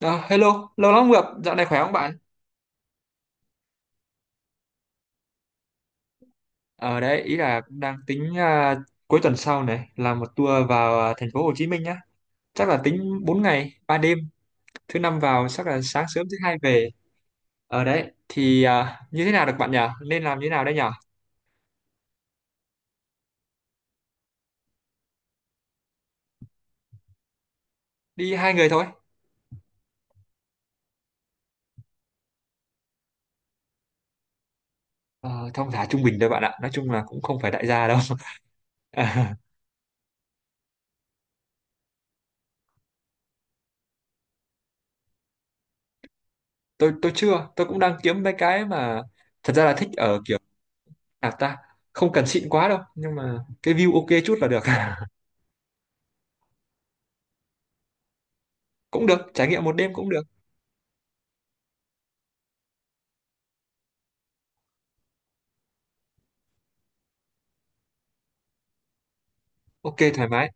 Hello, lâu lắm không gặp, dạo này khỏe không bạn? Ở đấy, ý là cũng đang tính cuối tuần sau này làm một tour vào thành phố Hồ Chí Minh nhá. Chắc là tính 4 ngày, 3 đêm, thứ năm vào chắc là sáng sớm thứ hai về. Ở đấy thì như thế nào được bạn nhỉ? Nên làm như thế nào đây nhỉ? Đi hai người thôi. Ờ, thong thả trung bình thôi bạn ạ. Nói chung là cũng không phải đại gia đâu. À, tôi chưa, tôi cũng đang kiếm mấy cái mà thật ra là thích ở kiểu nào ta, không cần xịn quá đâu, nhưng mà cái view ok chút là được. Cũng được, trải nghiệm một đêm cũng được. Ok thoải mái.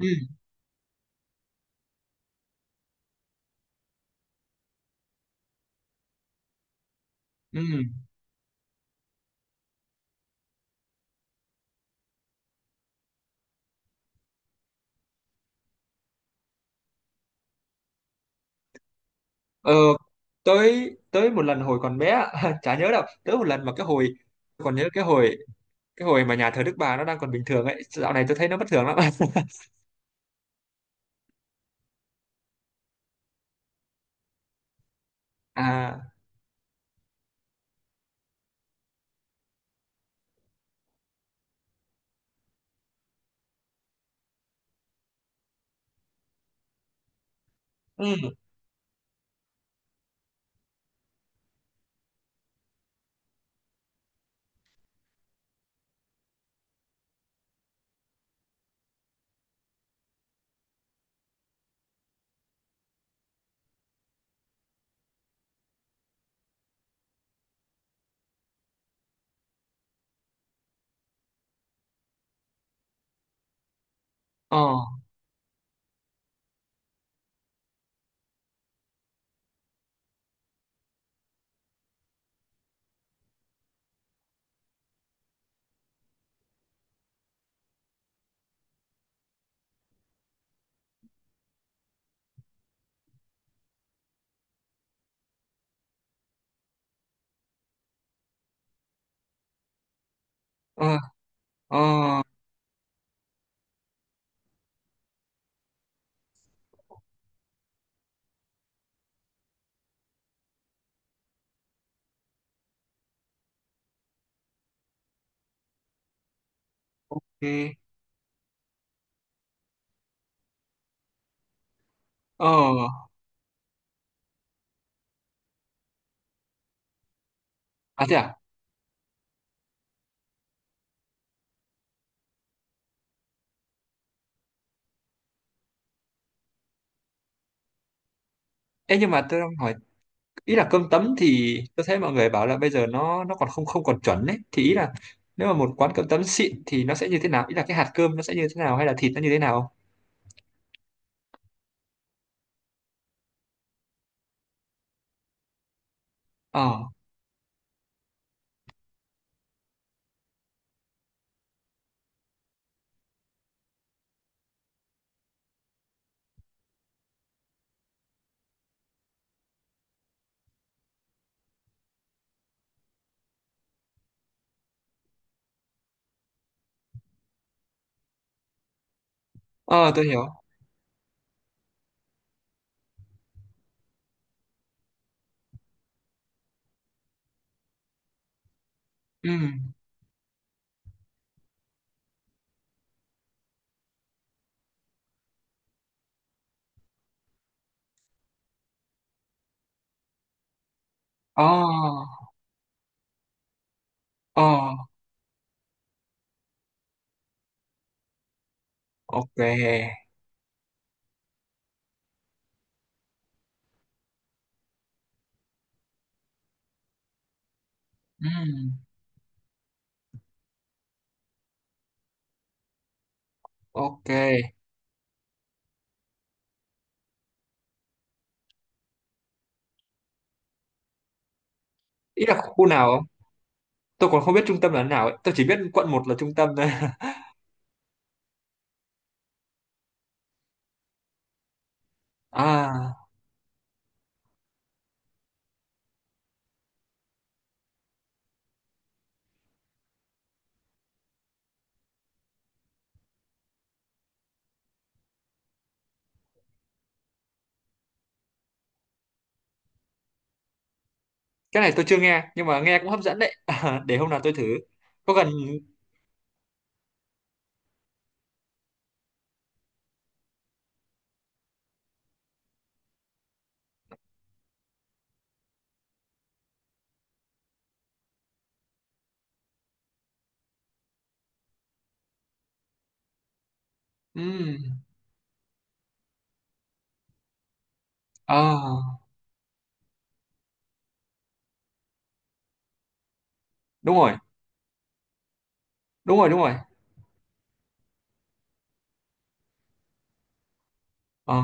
Ừ, ừ. Ờ, tới tới một lần hồi còn bé á, chả nhớ đâu. Tới một lần mà cái hồi tôi còn nhớ, cái hồi mà nhà thờ Đức Bà nó đang còn bình thường ấy. Dạo này tôi thấy nó bất thường lắm. À, ừ, ờ, ờ, ờ, ok, ờ. À thế à? Ê, nhưng mà tôi đang hỏi ý là cơm tấm thì tôi thấy mọi người bảo là bây giờ nó còn không không còn chuẩn ấy. Thì ý là nếu mà một quán cơm tấm xịn thì nó sẽ như thế nào? Ý là cái hạt cơm nó sẽ như thế nào hay là thịt nó như thế nào? Ờ, ờ tôi hiểu. Ừ. Ờ, ờ, ok. Ừm, ok. Ý là khu nào không? Tôi còn không biết trung tâm là nào ấy. Tôi chỉ biết quận một là trung tâm thôi. À, cái này tôi chưa nghe, nhưng mà nghe cũng hấp dẫn đấy. À, để hôm nào tôi thử. Có cần... ừm, ờ, đúng rồi, đúng rồi, đúng rồi. Ờ,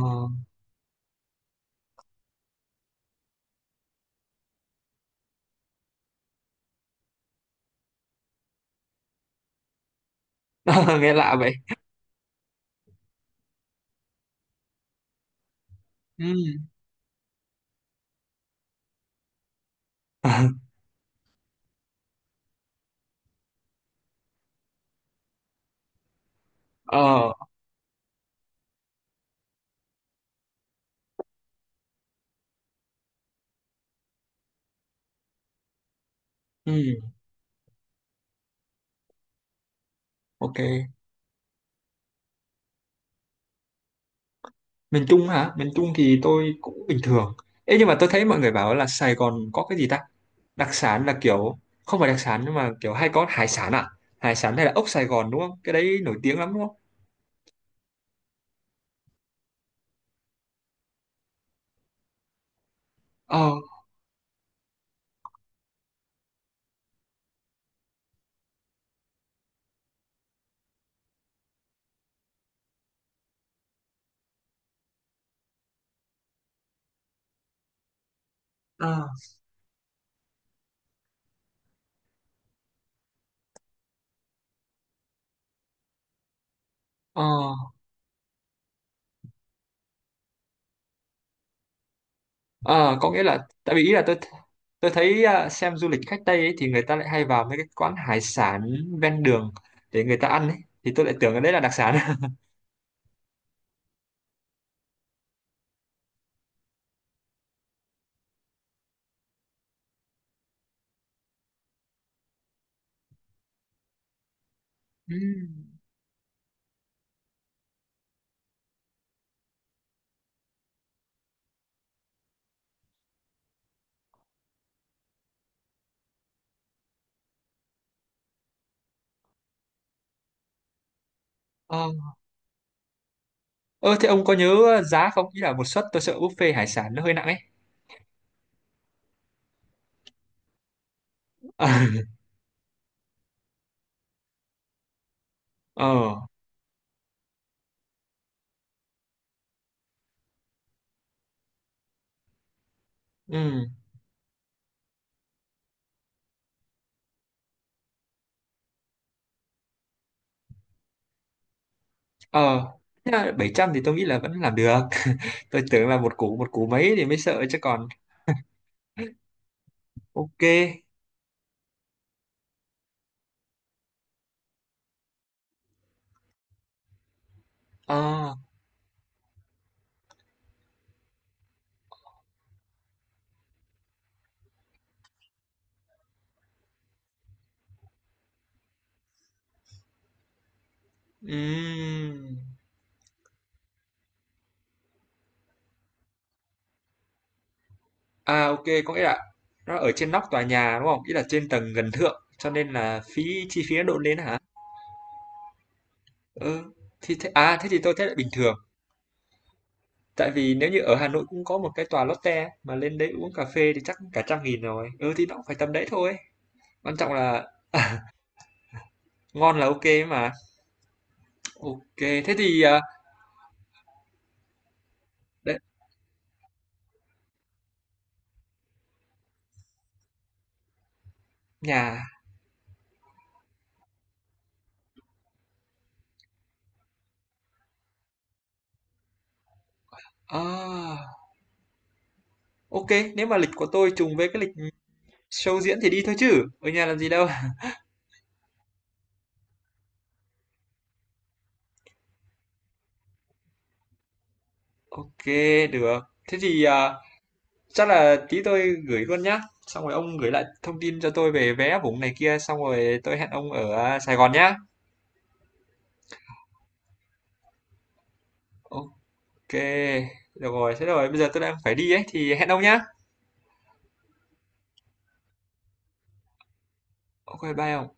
nghe lạ vậy. Ừm, ờ, ừm, ok. Miền Trung hả? Miền Trung thì tôi cũng bình thường. Ê nhưng mà tôi thấy mọi người bảo là Sài Gòn có cái gì ta, đặc sản là kiểu không phải đặc sản nhưng mà kiểu hay có hải sản à? Hải sản hay là ốc Sài Gòn đúng không? Cái đấy nổi tiếng lắm đúng không? Ờ, ờ, ờ, ờ có nghĩa là tại vì ý là tôi thấy xem du lịch khách Tây ấy, thì người ta lại hay vào mấy cái quán hải sản ven đường để người ta ăn ấy, thì tôi lại tưởng cái đấy là đặc sản. Ừ. Ờ, ơ, thế ông có nhớ giá không? Ý là một suất tôi sợ buffet hải sản nó hơi nặng ấy. Ờ. Ừ, ờ, thế là 700 thì tôi nghĩ là vẫn làm được. Tôi tưởng là một củ mấy thì mới sợ chứ còn ok. À, ừm, à ok có nghĩa là nó ở trên nóc tòa nhà đúng không? Ý là trên tầng gần thượng cho nên là chi phí nó đội lên hả? Ừ thì thế, à thế thì tôi thấy là bình thường, tại vì nếu như ở Hà Nội cũng có một cái tòa Lotte mà lên đấy uống cà phê thì chắc cả 100.000 rồi, ừ thì nó cũng phải tầm đấy thôi. Quan trọng là ngon là ok mà. Ok thế thì đấy, nhà. À, ok, nếu mà lịch của tôi trùng với cái lịch show diễn thì đi thôi chứ, ở nhà làm gì đâu. Ok, được. Thế thì chắc là tí tôi gửi luôn nhá. Xong rồi ông gửi lại thông tin cho tôi về vé vùng này kia, xong rồi tôi hẹn ông ở Sài Gòn nhá. Ok, được rồi, thế rồi, bây giờ tôi đang phải đi ấy, thì hẹn ông nhá. Ok, bye ông.